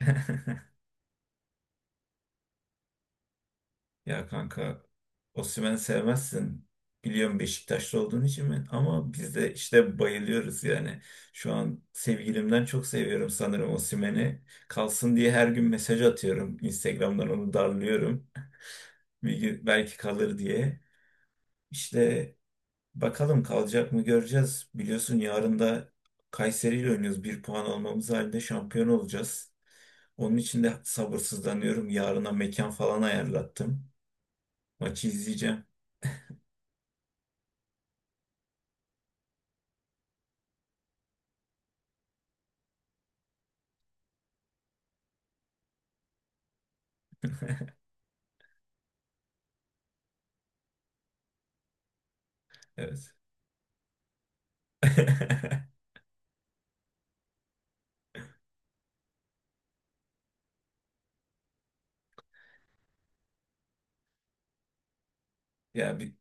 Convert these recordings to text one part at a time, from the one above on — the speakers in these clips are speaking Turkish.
Ya kanka, Osimhen'i sevmezsin. Biliyorum, Beşiktaşlı olduğun için mi? Ama biz de işte bayılıyoruz yani. Şu an sevgilimden çok seviyorum sanırım Osimhen'i. Kalsın diye her gün mesaj atıyorum. Instagram'dan onu darlıyorum. Bir gün belki kalır diye. İşte bakalım kalacak mı göreceğiz. Biliyorsun, yarın da Kayseri ile oynuyoruz. Bir puan almamız halinde şampiyon olacağız. Onun için de sabırsızlanıyorum. Yarına mekan falan ayarlattım. Maçı izleyeceğim. Evet. Ya bi-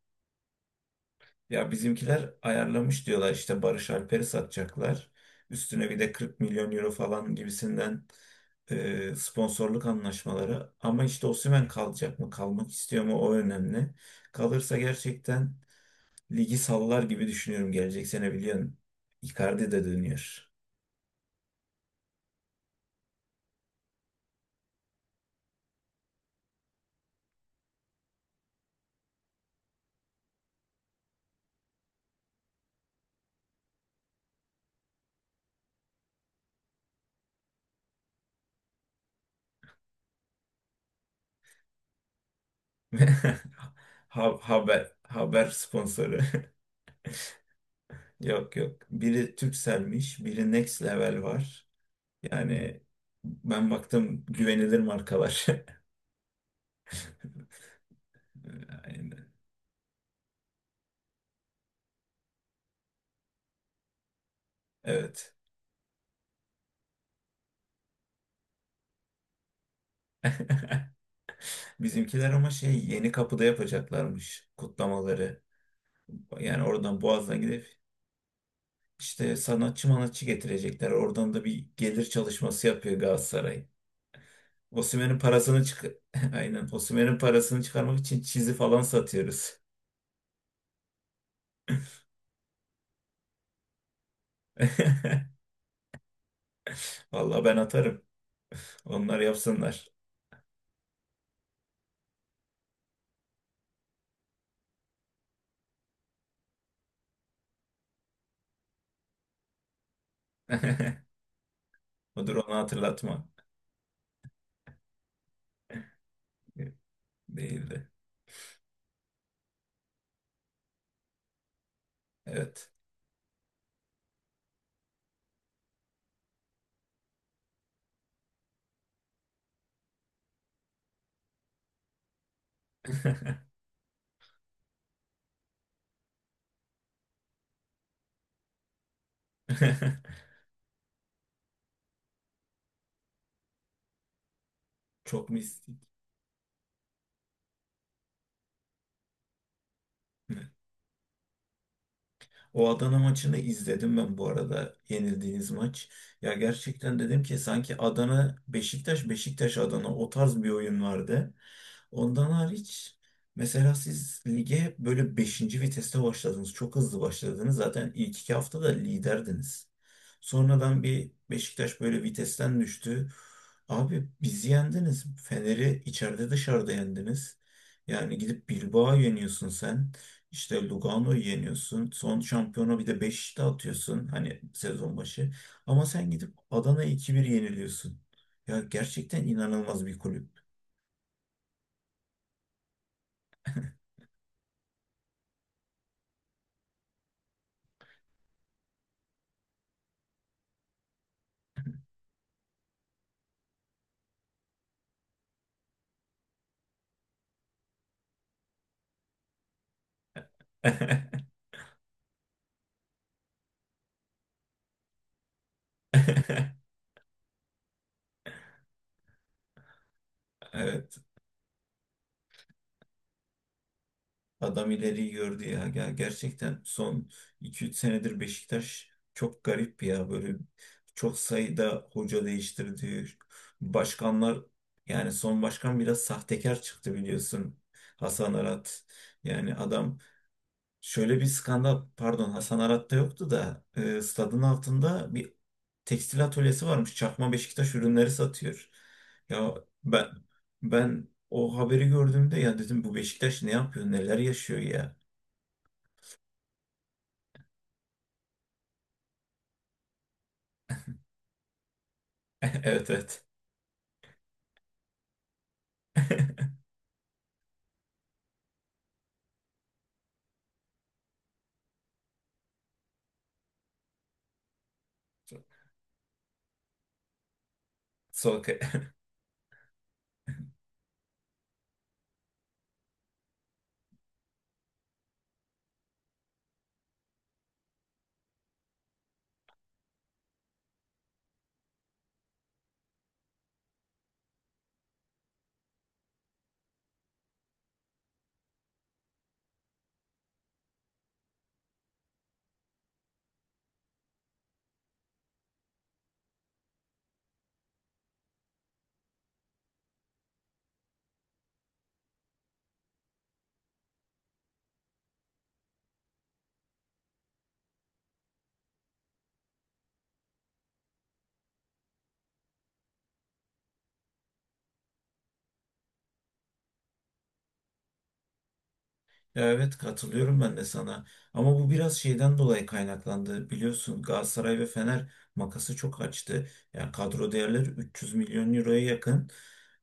ya bizimkiler ayarlamış diyorlar, işte Barış Alper'i satacaklar. Üstüne bir de 40 milyon euro falan gibisinden sponsorluk anlaşmaları. Ama işte Osimhen kalacak mı, kalmak istiyor mu, o önemli. Kalırsa gerçekten ligi sallar gibi düşünüyorum gelecek sene, biliyorsun. Icardi de dönüyor. Haber sponsoru. Yok yok. Biri Turkcell'miş, biri Next Level var. Yani ben baktım, güvenilir markalar. Aynen. Evet. Bizimkiler ama şey, yeni kapıda yapacaklarmış kutlamaları. Yani oradan Boğaz'dan gidip işte sanatçı manatçı getirecekler. Oradan da bir gelir çalışması yapıyor Galatasaray. Osimhen'in parasını çık Aynen. Osimhen'in parasını çıkarmak için çizi falan satıyoruz. Vallahi ben atarım. Onlar yapsınlar. Dur, onu hatırlatma. Değildi. Evet. Çok mistik. O Adana maçını izledim ben bu arada. Yenildiğiniz maç. Ya gerçekten, dedim ki sanki Adana Beşiktaş, Beşiktaş Adana, o tarz bir oyun vardı. Ondan hariç mesela siz lige böyle beşinci viteste başladınız. Çok hızlı başladınız. Zaten ilk iki haftada liderdiniz. Sonradan bir Beşiktaş böyle vitesten düştü. Abi bizi yendiniz. Fener'i içeride dışarıda yendiniz. Yani gidip Bilbao'yu yeniyorsun sen. İşte Lugano'yu yeniyorsun. Son şampiyona bir de Beşiktaş'ta atıyorsun. Hani sezon başı. Ama sen gidip Adana'ya 2-1 yeniliyorsun. Ya gerçekten inanılmaz bir kulüp. Evet, adam ileriyi gördü ya. Gerçekten son iki üç senedir Beşiktaş çok garip ya. Böyle çok sayıda hoca değiştirdi. Başkanlar, yani son başkan biraz sahtekar çıktı biliyorsun. Hasan Arat. Yani adam, şöyle bir skandal, pardon, Hasan Arat'ta yoktu da stadın altında bir tekstil atölyesi varmış. Çakma Beşiktaş ürünleri satıyor. Ya ben ben o haberi gördüğümde ya dedim, bu Beşiktaş ne yapıyor, neler yaşıyor ya. Evet evet. Sokak Ya evet, katılıyorum ben de sana. Ama bu biraz şeyden dolayı kaynaklandı. Biliyorsun Galatasaray ve Fener makası çok açtı. Yani kadro değerleri 300 milyon euroya yakın.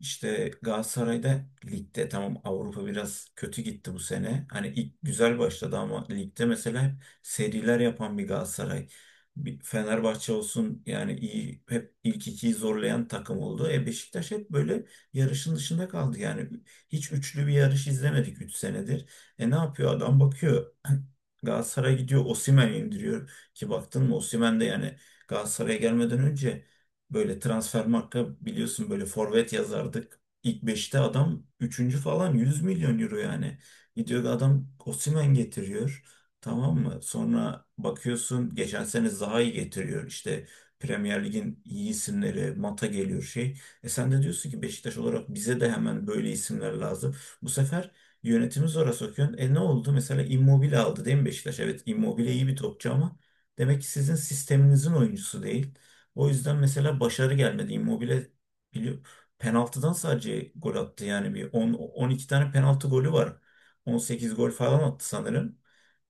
İşte Galatasaray'da ligde tamam, Avrupa biraz kötü gitti bu sene. Hani ilk güzel başladı ama ligde mesela hep seriler yapan bir Galatasaray. Bir Fenerbahçe olsun, yani iyi, hep ilk ikiyi zorlayan takım oldu. E Beşiktaş hep böyle yarışın dışında kaldı yani. Hiç üçlü bir yarış izlemedik 3 senedir. E ne yapıyor adam, bakıyor Galatasaray'a gidiyor Osimhen'i indiriyor ki, baktın mı, Osimhen de yani Galatasaray'a gelmeden önce, böyle Transfermarkt'ta biliyorsun böyle forvet yazardık. İlk beşte adam üçüncü falan, 100 milyon euro yani. Gidiyor adam Osimhen getiriyor. Tamam mı? Sonra bakıyorsun, geçen sene Zaha'yı getiriyor. İşte Premier Lig'in iyi isimleri, Mata geliyor şey. E sen de diyorsun ki Beşiktaş olarak bize de hemen böyle isimler lazım. Bu sefer yönetimi zora sokuyorsun. E ne oldu? Mesela Immobile aldı değil mi Beşiktaş? Evet, Immobile iyi bir topçu ama demek ki sizin sisteminizin oyuncusu değil. O yüzden mesela başarı gelmedi. Immobile biliyor, penaltıdan sadece gol attı. Yani bir 10, 12 tane penaltı golü var. 18 gol falan attı sanırım.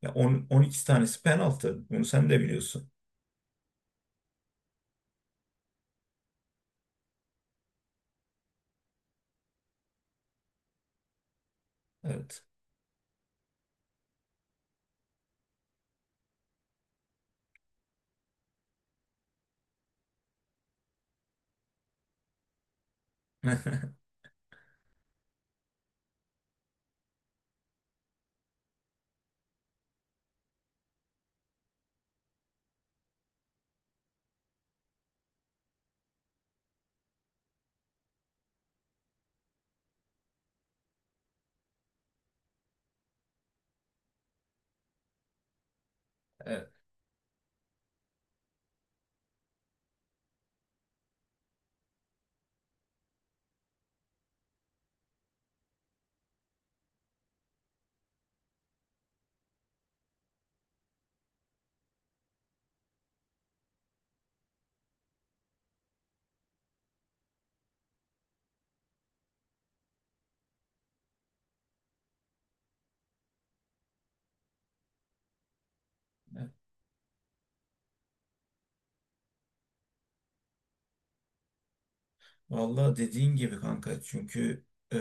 Ya 10, 12 tanesi penaltı. Bunu sen de biliyorsun. Evet. Evet. Evet. Vallahi dediğin gibi kanka. Çünkü e,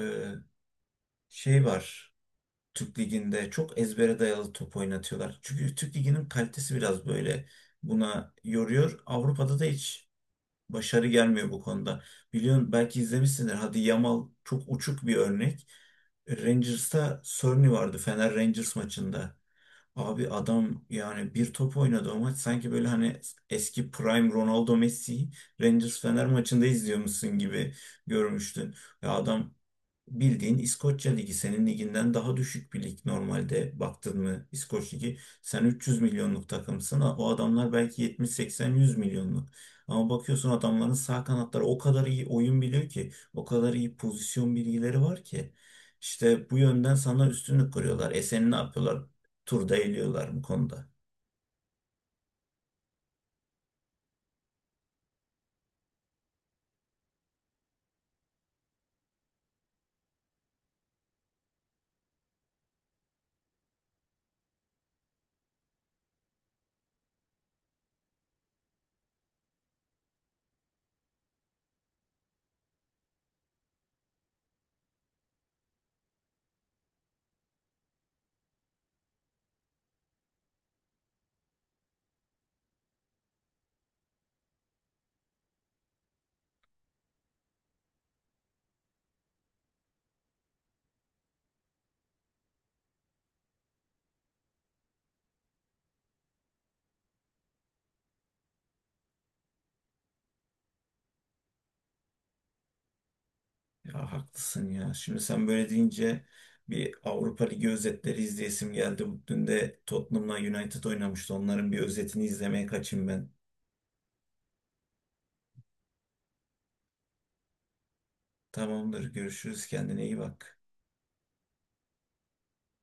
şey var. Türk Ligi'nde çok ezbere dayalı top oynatıyorlar. Çünkü Türk Ligi'nin kalitesi biraz böyle buna yoruyor. Avrupa'da da hiç başarı gelmiyor bu konuda. Biliyorsun, belki izlemişsindir. Hadi Yamal çok uçuk bir örnek. Rangers'ta Sorny vardı Fener Rangers maçında. Abi adam yani bir top oynadı o maç, sanki böyle hani eski prime Ronaldo Messi Rangers Fener maçında izliyormuşsun gibi görmüştün. Ya adam, bildiğin İskoçya Ligi senin liginden daha düşük bir lig normalde, baktın mı İskoç Ligi, sen 300 milyonluk takımsın, o adamlar belki 70-80-100 milyonluk, ama bakıyorsun adamların sağ kanatları o kadar iyi oyun biliyor ki, o kadar iyi pozisyon bilgileri var ki işte bu yönden sana üstünlük kuruyorlar. E seni ne yapıyorlar, turda eliyorlar bu konuda. Ya haklısın ya. Şimdi sen böyle deyince bir Avrupa Ligi özetleri izleyesim geldi. Dün de Tottenham'la United oynamıştı. Onların bir özetini izlemeye kaçayım ben. Tamamdır. Görüşürüz. Kendine iyi bak.